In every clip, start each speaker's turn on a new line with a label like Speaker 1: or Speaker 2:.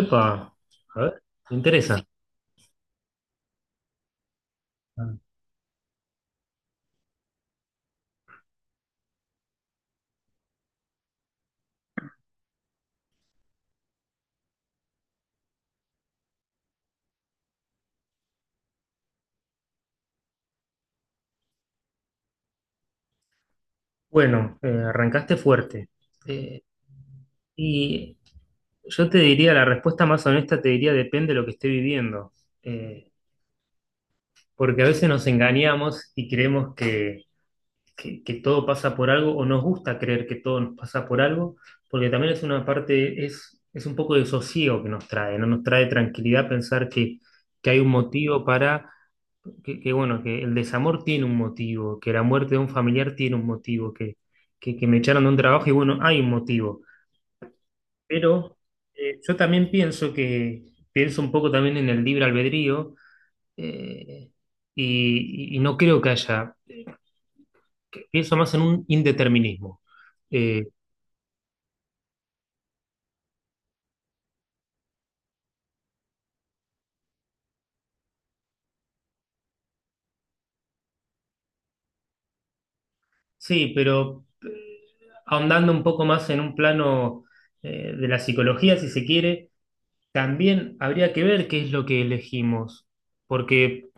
Speaker 1: Epa, a ver, me interesa. Bueno, arrancaste fuerte. Eh, y yo te diría, la respuesta más honesta te diría, depende de lo que esté viviendo. Eh, Porque a veces nos engañamos y creemos que todo pasa por algo, o nos gusta creer que todo nos pasa por algo, porque también es una parte, es un poco de sosiego que nos trae, ¿no? Nos trae tranquilidad pensar que hay un motivo para que, bueno, que el desamor tiene un motivo, que la muerte de un familiar tiene un motivo, que me echaron de un trabajo y bueno, hay un motivo. Pero yo también pienso pienso un poco también en el libre albedrío eh, y no creo que haya, que pienso más en un indeterminismo. Eh, sí, pero ahondando un poco más en un plano de la psicología, si se quiere, también habría que ver qué es lo que elegimos, porque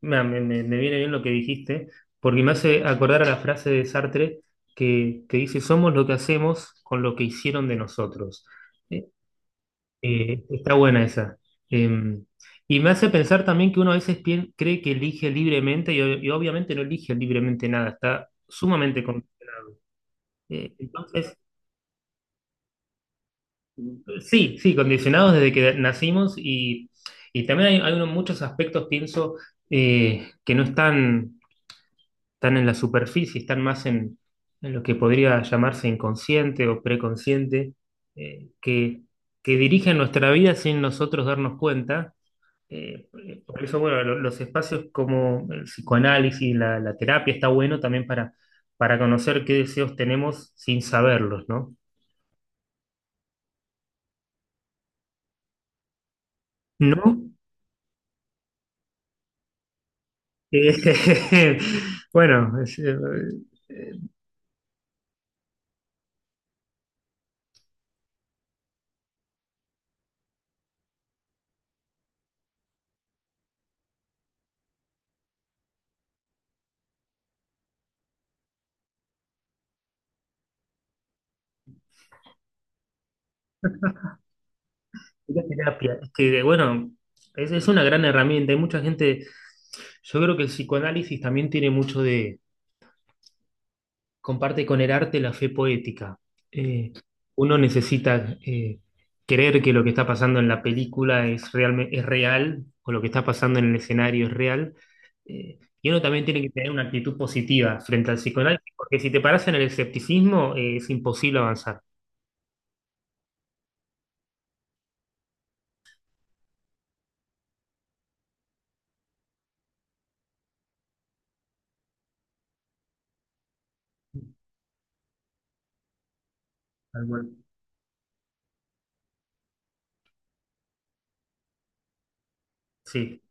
Speaker 1: me viene bien lo que dijiste, porque me hace acordar a la frase de Sartre que dice, somos lo que hacemos con lo que hicieron de nosotros. Eh, está buena esa. Eh, y me hace pensar también que uno a veces cree que elige libremente y obviamente no elige libremente nada, está sumamente... entonces, sí, condicionados desde que nacimos y también hay muchos aspectos, pienso, que no están están en la superficie, están más en lo que podría llamarse inconsciente o preconsciente, eh, que, que dirigen nuestra vida sin nosotros darnos cuenta. Eh, por eso, bueno, los espacios como el psicoanálisis, la terapia, está bueno también para conocer qué deseos tenemos sin saberlos, ¿no? ¿No? Eh, bueno, eh, la terapia, es que bueno, es una gran herramienta. Hay mucha gente, yo creo que el psicoanálisis también tiene mucho de, comparte con el arte la fe poética. Eh, Uno necesita creer que lo que está pasando en la película es real o lo que está pasando en el escenario es real. Y uno también tiene que tener una actitud positiva frente al psicoanálisis, porque si te paras en el escepticismo, es imposible avanzar. Tal cual. Sí.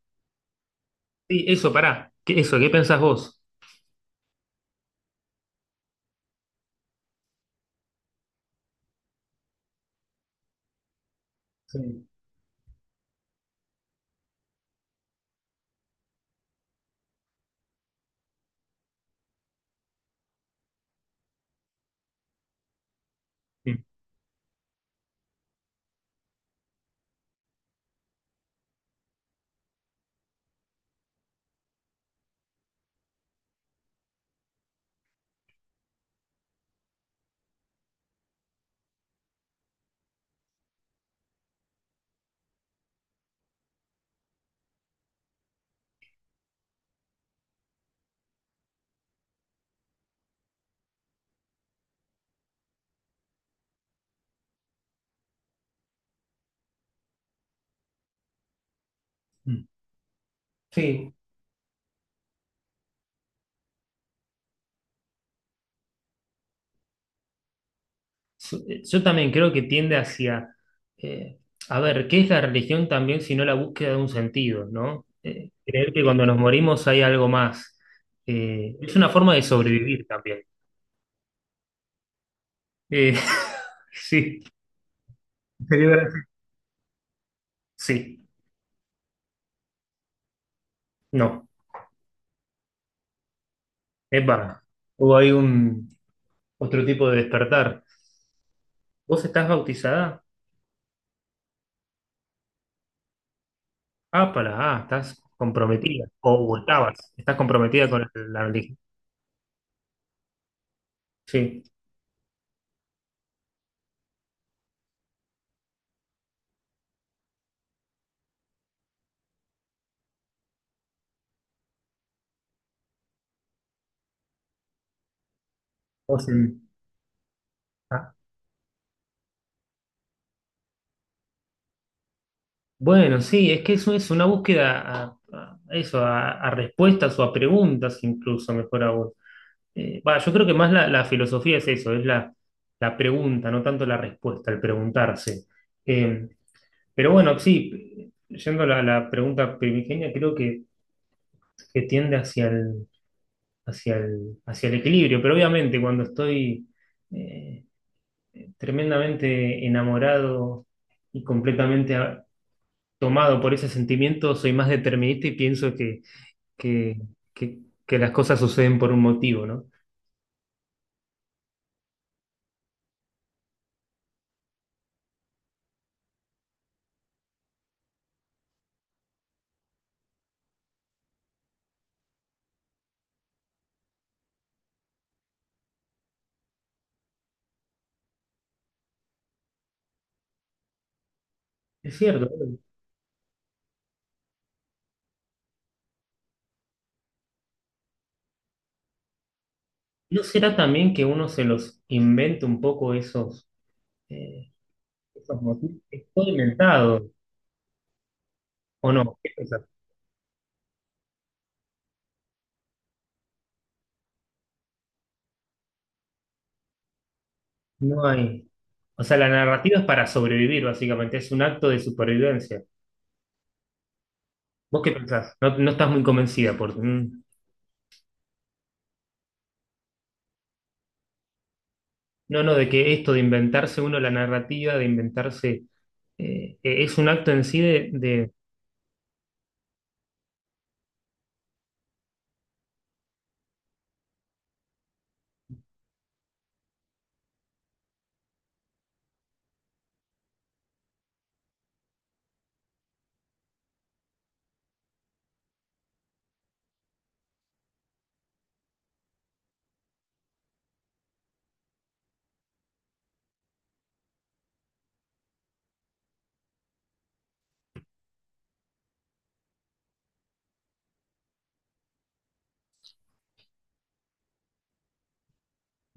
Speaker 1: Sí, eso, pará. Eso, ¿qué pensás vos? Sí. Mm. Sí, Yo yo también creo que tiende hacia, eh, a ver, ¿qué es la religión también si no la búsqueda de un sentido, ¿no? Creer que cuando nos morimos hay algo más. Es una forma de sobrevivir también. Eh, sí, sería verdad. Sí, no, epa, hubo ahí un otro tipo de despertar. ¿Vos estás bautizada? Ah, para, ah, estás comprometida, o estabas, estás comprometida con la religión. Sí, vos sí. Ah. Bueno, sí, es que eso es una búsqueda a eso, a respuestas o a preguntas incluso, mejor aún. Va, yo creo que más la filosofía es eso, es la, la pregunta, no tanto la respuesta, el preguntarse. Eh, pero bueno, sí, yendo a la pregunta primigenia, creo que tiende hacia hacia el equilibrio, pero obviamente cuando estoy eh, tremendamente enamorado y completamente tomado por ese sentimiento, soy más determinista y pienso que, que- que las cosas suceden por un motivo, ¿no? Es cierto. ¿No será también que uno se los inventa un poco esos, eh, esos motivos? Es todo inventado, ¿o no? ¿Qué pensás? No hay. O sea, la narrativa es para sobrevivir, básicamente, es un acto de supervivencia. ¿Vos qué pensás? No, no estás muy convencida por... mm. No, no, de que esto de inventarse uno la narrativa, de inventarse... es un acto en sí de.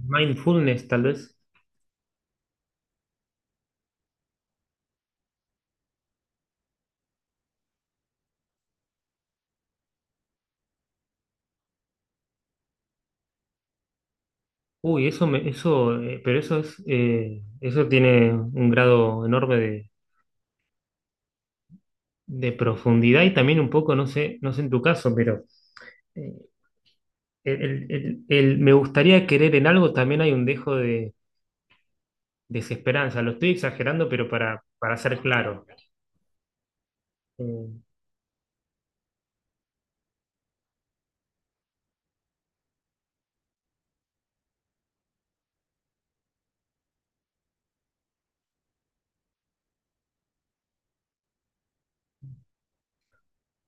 Speaker 1: Mindfulness, tal vez. Uy, eso me, eso, pero eso es, eso tiene un grado enorme de profundidad y también un poco, no sé, no sé en tu caso, pero eh, el me gustaría querer en algo también hay un dejo de desesperanza. Lo estoy exagerando, pero para ser claro. Eh,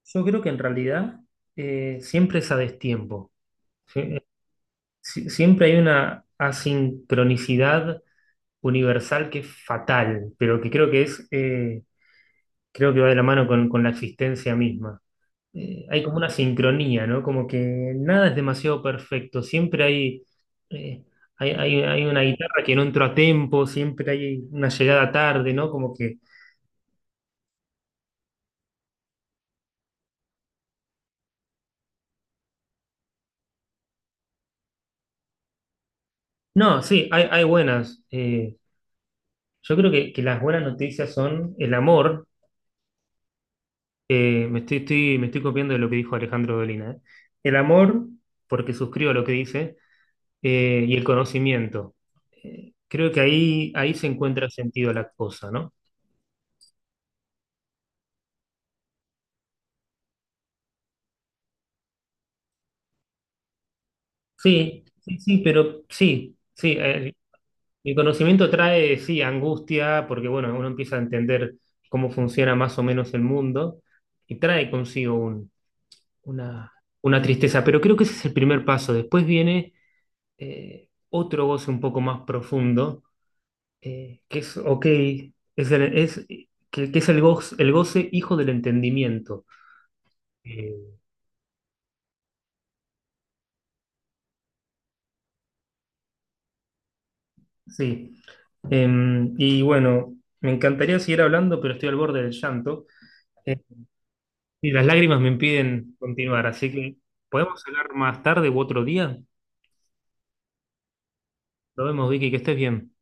Speaker 1: yo creo que en realidad siempre es a destiempo. Sie- Siempre hay una asincronicidad universal que es fatal, pero que creo que es. Creo que va de la mano con la existencia misma. Hay como una sincronía, ¿no? Como que nada es demasiado perfecto, siempre eh, hay una guitarra que no entró a tiempo, siempre hay una llegada tarde, ¿no? Como que... No, sí, hay buenas. Yo creo que las buenas noticias son el amor. Me estoy copiando de lo que dijo Alejandro Dolina, ¿eh? El amor, porque suscribo lo que dice, y el conocimiento. Creo que ahí, ahí se encuentra sentido la cosa, ¿no? Sí, sí, sí, pero sí, sí, el conocimiento trae, sí, angustia, porque bueno, uno empieza a entender cómo funciona más o menos el mundo y trae consigo una, una tristeza, pero creo que ese es el primer paso. Después viene otro goce un poco más profundo, que es, ok, es el, es, que es el goce hijo del entendimiento. Eh, sí, y bueno, me encantaría seguir hablando, pero estoy al borde del llanto. Y las lágrimas me impiden continuar, así que podemos hablar más tarde u otro día. Nos vemos, Vicky, que estés bien.